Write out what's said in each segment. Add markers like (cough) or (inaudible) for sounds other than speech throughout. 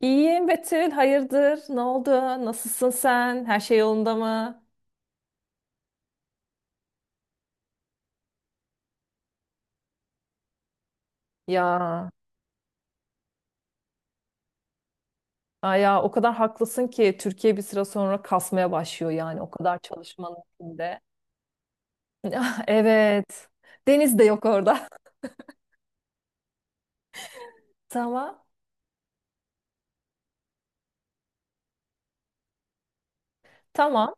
İyiyim Betül, hayırdır? Ne oldu? Nasılsın sen? Her şey yolunda mı? Ya, ay ya o kadar haklısın ki Türkiye bir süre sonra kasmaya başlıyor yani o kadar çalışmanın içinde. (laughs) Ah, evet. Deniz de yok orada. (laughs) Tamam. Tamam.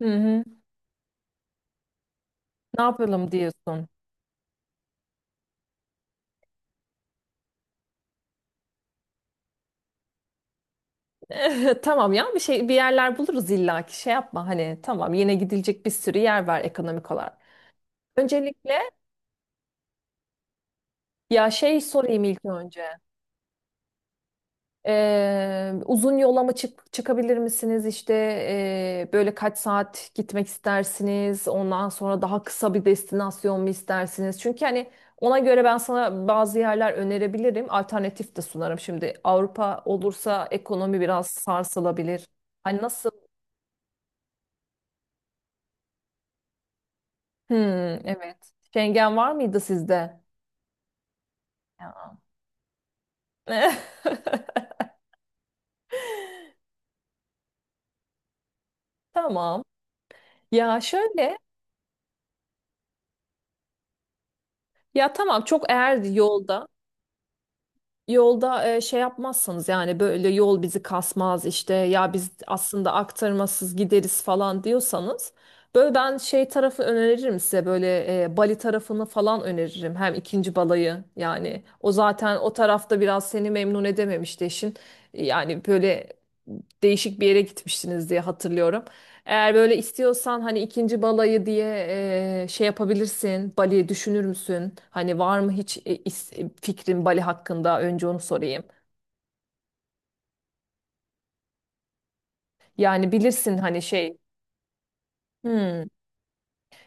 Hı hı. Ne yapalım diyorsun? (laughs) Tamam ya bir şey bir yerler buluruz illaki şey yapma hani tamam yine gidilecek bir sürü yer var ekonomik olarak. Öncelikle ya şey sorayım ilk önce. Uzun yola mı çıkabilir misiniz? İşte böyle kaç saat gitmek istersiniz? Ondan sonra daha kısa bir destinasyon mu istersiniz? Çünkü hani ona göre ben sana bazı yerler önerebilirim. Alternatif de sunarım. Şimdi Avrupa olursa ekonomi biraz sarsılabilir. Hani nasıl? Hmm, evet. Schengen var mıydı sizde? Ya. (laughs) Tamam. Ya şöyle. Ya tamam çok eğer yolda. Yolda şey yapmazsanız yani böyle yol bizi kasmaz işte ya biz aslında aktarmasız gideriz falan diyorsanız böyle ben şey tarafı öneririm size böyle Bali tarafını falan öneririm hem ikinci balayı yani o zaten o tarafta biraz seni memnun edememişti eşin yani böyle değişik bir yere gitmiştiniz diye hatırlıyorum. Eğer böyle istiyorsan hani ikinci balayı diye şey yapabilirsin. Bali düşünür müsün? Hani var mı hiç fikrin Bali hakkında? Önce onu sorayım. Yani bilirsin hani şey. Hmm.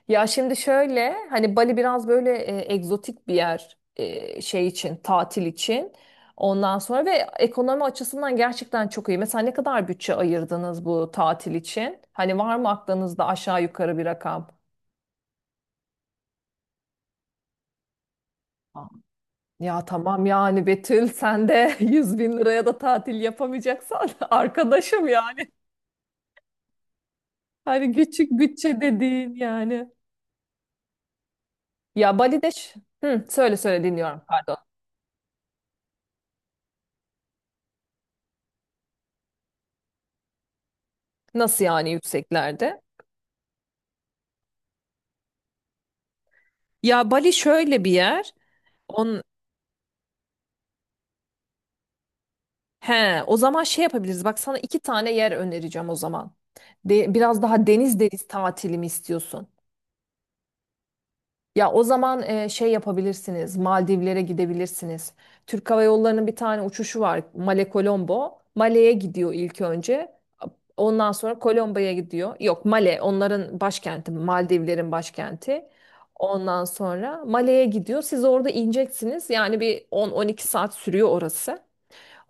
Ya şimdi şöyle hani Bali biraz böyle egzotik bir yer şey için tatil için. Ondan sonra ve ekonomi açısından gerçekten çok iyi. Mesela ne kadar bütçe ayırdınız bu tatil için? Hani var mı aklınızda aşağı yukarı bir rakam? Ya tamam yani Betül sen de (laughs) 100.000 liraya da tatil yapamayacaksan (laughs) arkadaşım yani. Hani küçük bütçe dediğin yani. Ya Bali'de hı, söyle söyle dinliyorum pardon. Nasıl yani yükseklerde? Ya Bali şöyle bir yer. On... He, o zaman şey yapabiliriz. Bak sana iki tane yer önereceğim o zaman. Biraz daha deniz tatili mi istiyorsun? Ya o zaman şey yapabilirsiniz. Maldivlere gidebilirsiniz. Türk Hava Yolları'nın bir tane uçuşu var. Male Colombo. Male'ye gidiyor ilk önce. Ondan sonra Colombo'ya gidiyor. Yok, Male onların başkenti. Maldivlerin başkenti. Ondan sonra Male'ye gidiyor. Siz orada ineceksiniz. Yani bir 10-12 saat sürüyor orası.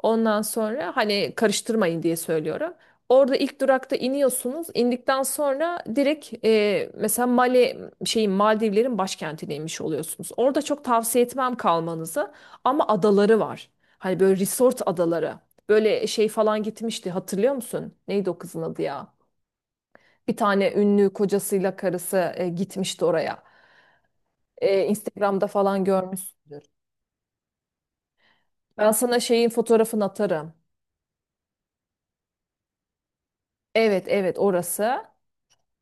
Ondan sonra hani karıştırmayın diye söylüyorum. Orada ilk durakta iniyorsunuz. İndikten sonra direkt mesela Mali, şeyin Maldivlerin başkentine inmiş oluyorsunuz. Orada çok tavsiye etmem kalmanızı ama adaları var. Hani böyle resort adaları. Böyle şey falan gitmişti hatırlıyor musun? Neydi o kızın adı ya? Bir tane ünlü kocasıyla karısı gitmişti oraya. Instagram'da falan görmüşsündür. Ben sana şeyin fotoğrafını atarım. Evet, evet, orası.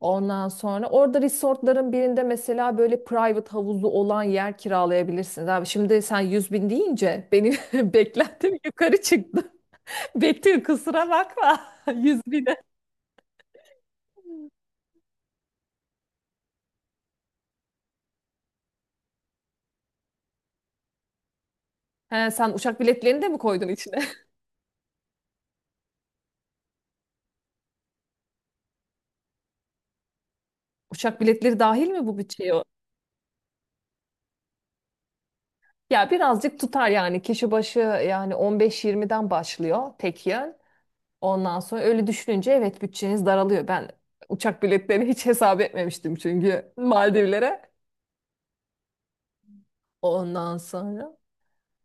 Ondan sonra orada resortların birinde mesela böyle private havuzlu olan yer kiralayabilirsiniz. Abi şimdi sen 100.000 deyince benim (laughs) beklentim yukarı çıktı. (laughs) Betül kusura bakma, (laughs) 100.000'e. He, sen uçak biletlerini de mi koydun içine? Uçak biletleri dahil mi bu bütçeye? Ya birazcık tutar yani kişi başı yani 15-20'den başlıyor tek yön. Ondan sonra öyle düşününce evet bütçeniz daralıyor. Ben uçak biletlerini hiç hesap etmemiştim çünkü Maldivlere. Ondan sonra.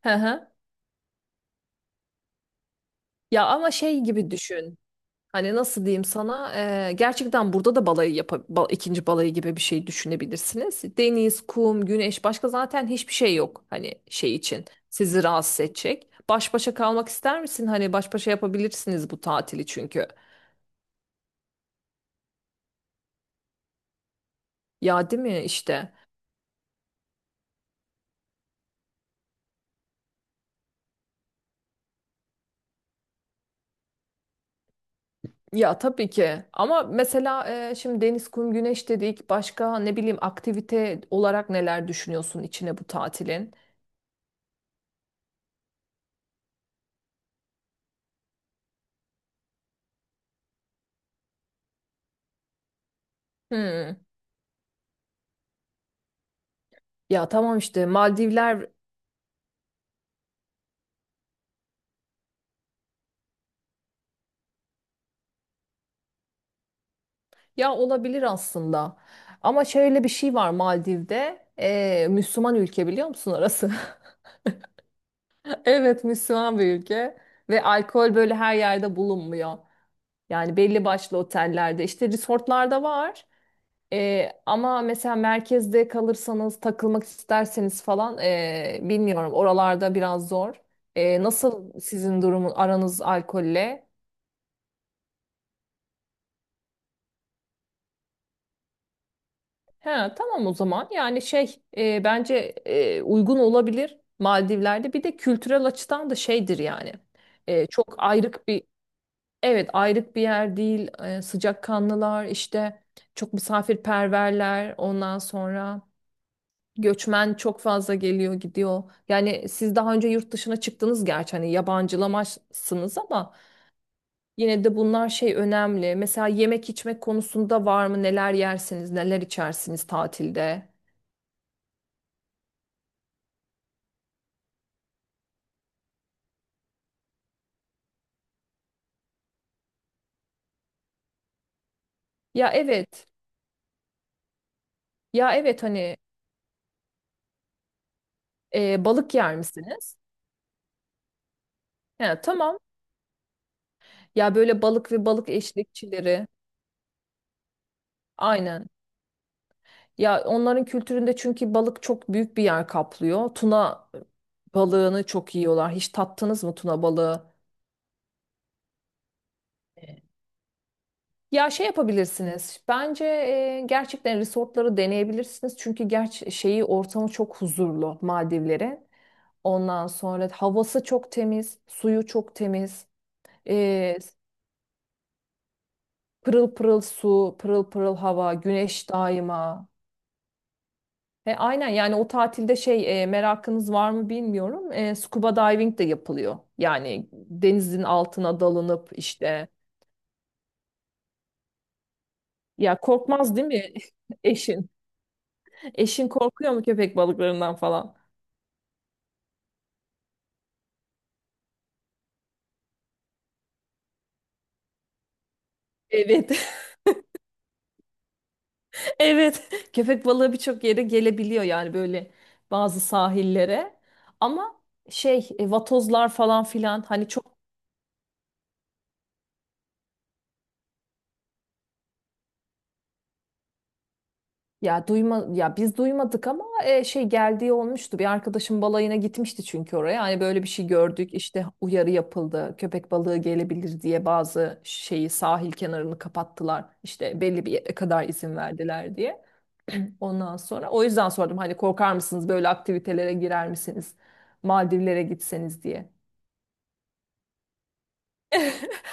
Hı hı. Ya ama şey gibi düşün. Hani nasıl diyeyim sana? Gerçekten burada da balayı yap, ikinci balayı gibi bir şey düşünebilirsiniz. Deniz, kum, güneş başka zaten hiçbir şey yok. Hani şey için sizi rahatsız edecek. Baş başa kalmak ister misin? Hani baş başa yapabilirsiniz bu tatili çünkü. Ya değil mi işte? Ya tabii ki ama mesela şimdi deniz, kum, güneş dedik. Başka ne bileyim aktivite olarak neler düşünüyorsun içine bu tatilin? Hmm. Ya tamam işte Maldivler ya olabilir aslında. Ama şöyle bir şey var Maldiv'de. Müslüman ülke biliyor musun orası? (laughs) Evet, Müslüman bir ülke ve alkol böyle her yerde bulunmuyor. Yani belli başlı otellerde işte resortlarda var. Ama mesela merkezde kalırsanız takılmak isterseniz falan bilmiyorum, oralarda biraz zor. Nasıl sizin durumun aranız alkolle? He, tamam o zaman yani şey bence uygun olabilir Maldivler'de bir de kültürel açıdan da şeydir yani. Çok ayrık bir, evet, ayrık bir yer değil. Sıcakkanlılar işte, çok misafirperverler ondan sonra. Göçmen çok fazla geliyor gidiyor. Yani siz daha önce yurt dışına çıktınız gerçi hani yabancılamazsınız ama yine de bunlar şey önemli. Mesela yemek içmek konusunda var mı? Neler yersiniz, neler içersiniz tatilde? Ya evet. Ya evet hani balık yer misiniz? Ha, tamam. Ya böyle balık ve balık eşlikçileri. Aynen. Ya onların kültüründe çünkü balık çok büyük bir yer kaplıyor. Tuna balığını çok yiyorlar. Hiç tattınız mı tuna balığı? Ya şey yapabilirsiniz. Bence gerçekten resortları deneyebilirsiniz. Çünkü gerçi şeyi ortamı çok huzurlu Maldivlerin. Ondan sonra havası çok temiz, suyu çok temiz. E, Pırıl pırıl su, pırıl pırıl hava, güneş daima. Aynen yani o tatilde şey merakınız var mı bilmiyorum. Scuba diving de yapılıyor. Yani denizin altına dalınıp işte ya korkmaz değil mi (laughs) eşin? Eşin korkuyor mu köpek balıklarından falan? Evet. (laughs) Evet. Köpek balığı birçok yere gelebiliyor yani böyle bazı sahillere. Ama şey vatozlar falan filan hani çok. Ya duyma ya biz duymadık ama şey geldiği olmuştu. Bir arkadaşım balayına gitmişti çünkü oraya. Hani böyle bir şey gördük. İşte uyarı yapıldı. Köpek balığı gelebilir diye bazı şeyi sahil kenarını kapattılar. İşte belli bir yere kadar izin verdiler diye. (clears throat) Ondan sonra o yüzden sordum hani korkar mısınız böyle aktivitelere girer misiniz? Maldivlere gitseniz diye.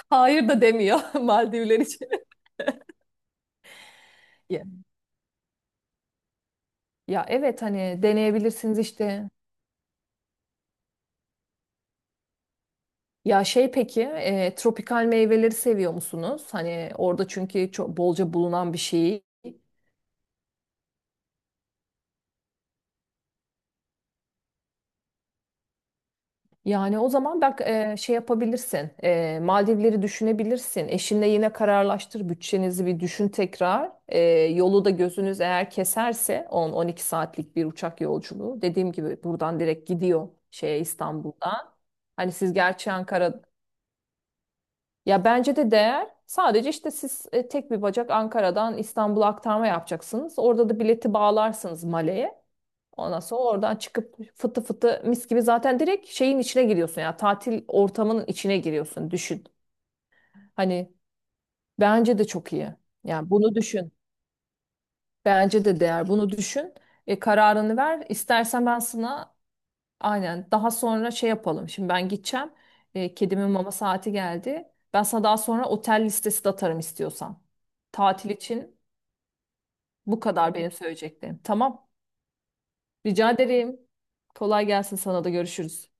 Hayır da demiyor (laughs) Maldivler için. (laughs) Ya, ya evet hani deneyebilirsiniz işte. Ya şey peki, tropikal meyveleri seviyor musunuz? Hani orada çünkü çok bolca bulunan bir şey. Yani o zaman bak şey yapabilirsin. Maldivleri düşünebilirsin. Eşinle yine kararlaştır. Bütçenizi bir düşün tekrar. Yolu da gözünüz eğer keserse 10-12 saatlik bir uçak yolculuğu. Dediğim gibi buradan direkt gidiyor şeye İstanbul'dan. Hani siz gerçi Ankara. Ya bence de değer. Sadece işte siz tek bir bacak Ankara'dan İstanbul'a aktarma yapacaksınız. Orada da bileti bağlarsınız Male'ye. Ondan sonra oradan çıkıp fıtı fıtı mis gibi zaten direkt şeyin içine giriyorsun ya tatil ortamının içine giriyorsun düşün. Hani bence de çok iyi. Yani bunu düşün. Bence de değer. Bunu düşün. Kararını ver. İstersen ben sana. Aynen. Daha sonra şey yapalım. Şimdi ben gideceğim. Kedimin mama saati geldi. Ben sana daha sonra otel listesi de atarım istiyorsan. Tatil için bu kadar benim söyleyeceklerim. Tamam. Rica ederim. Kolay gelsin sana da görüşürüz.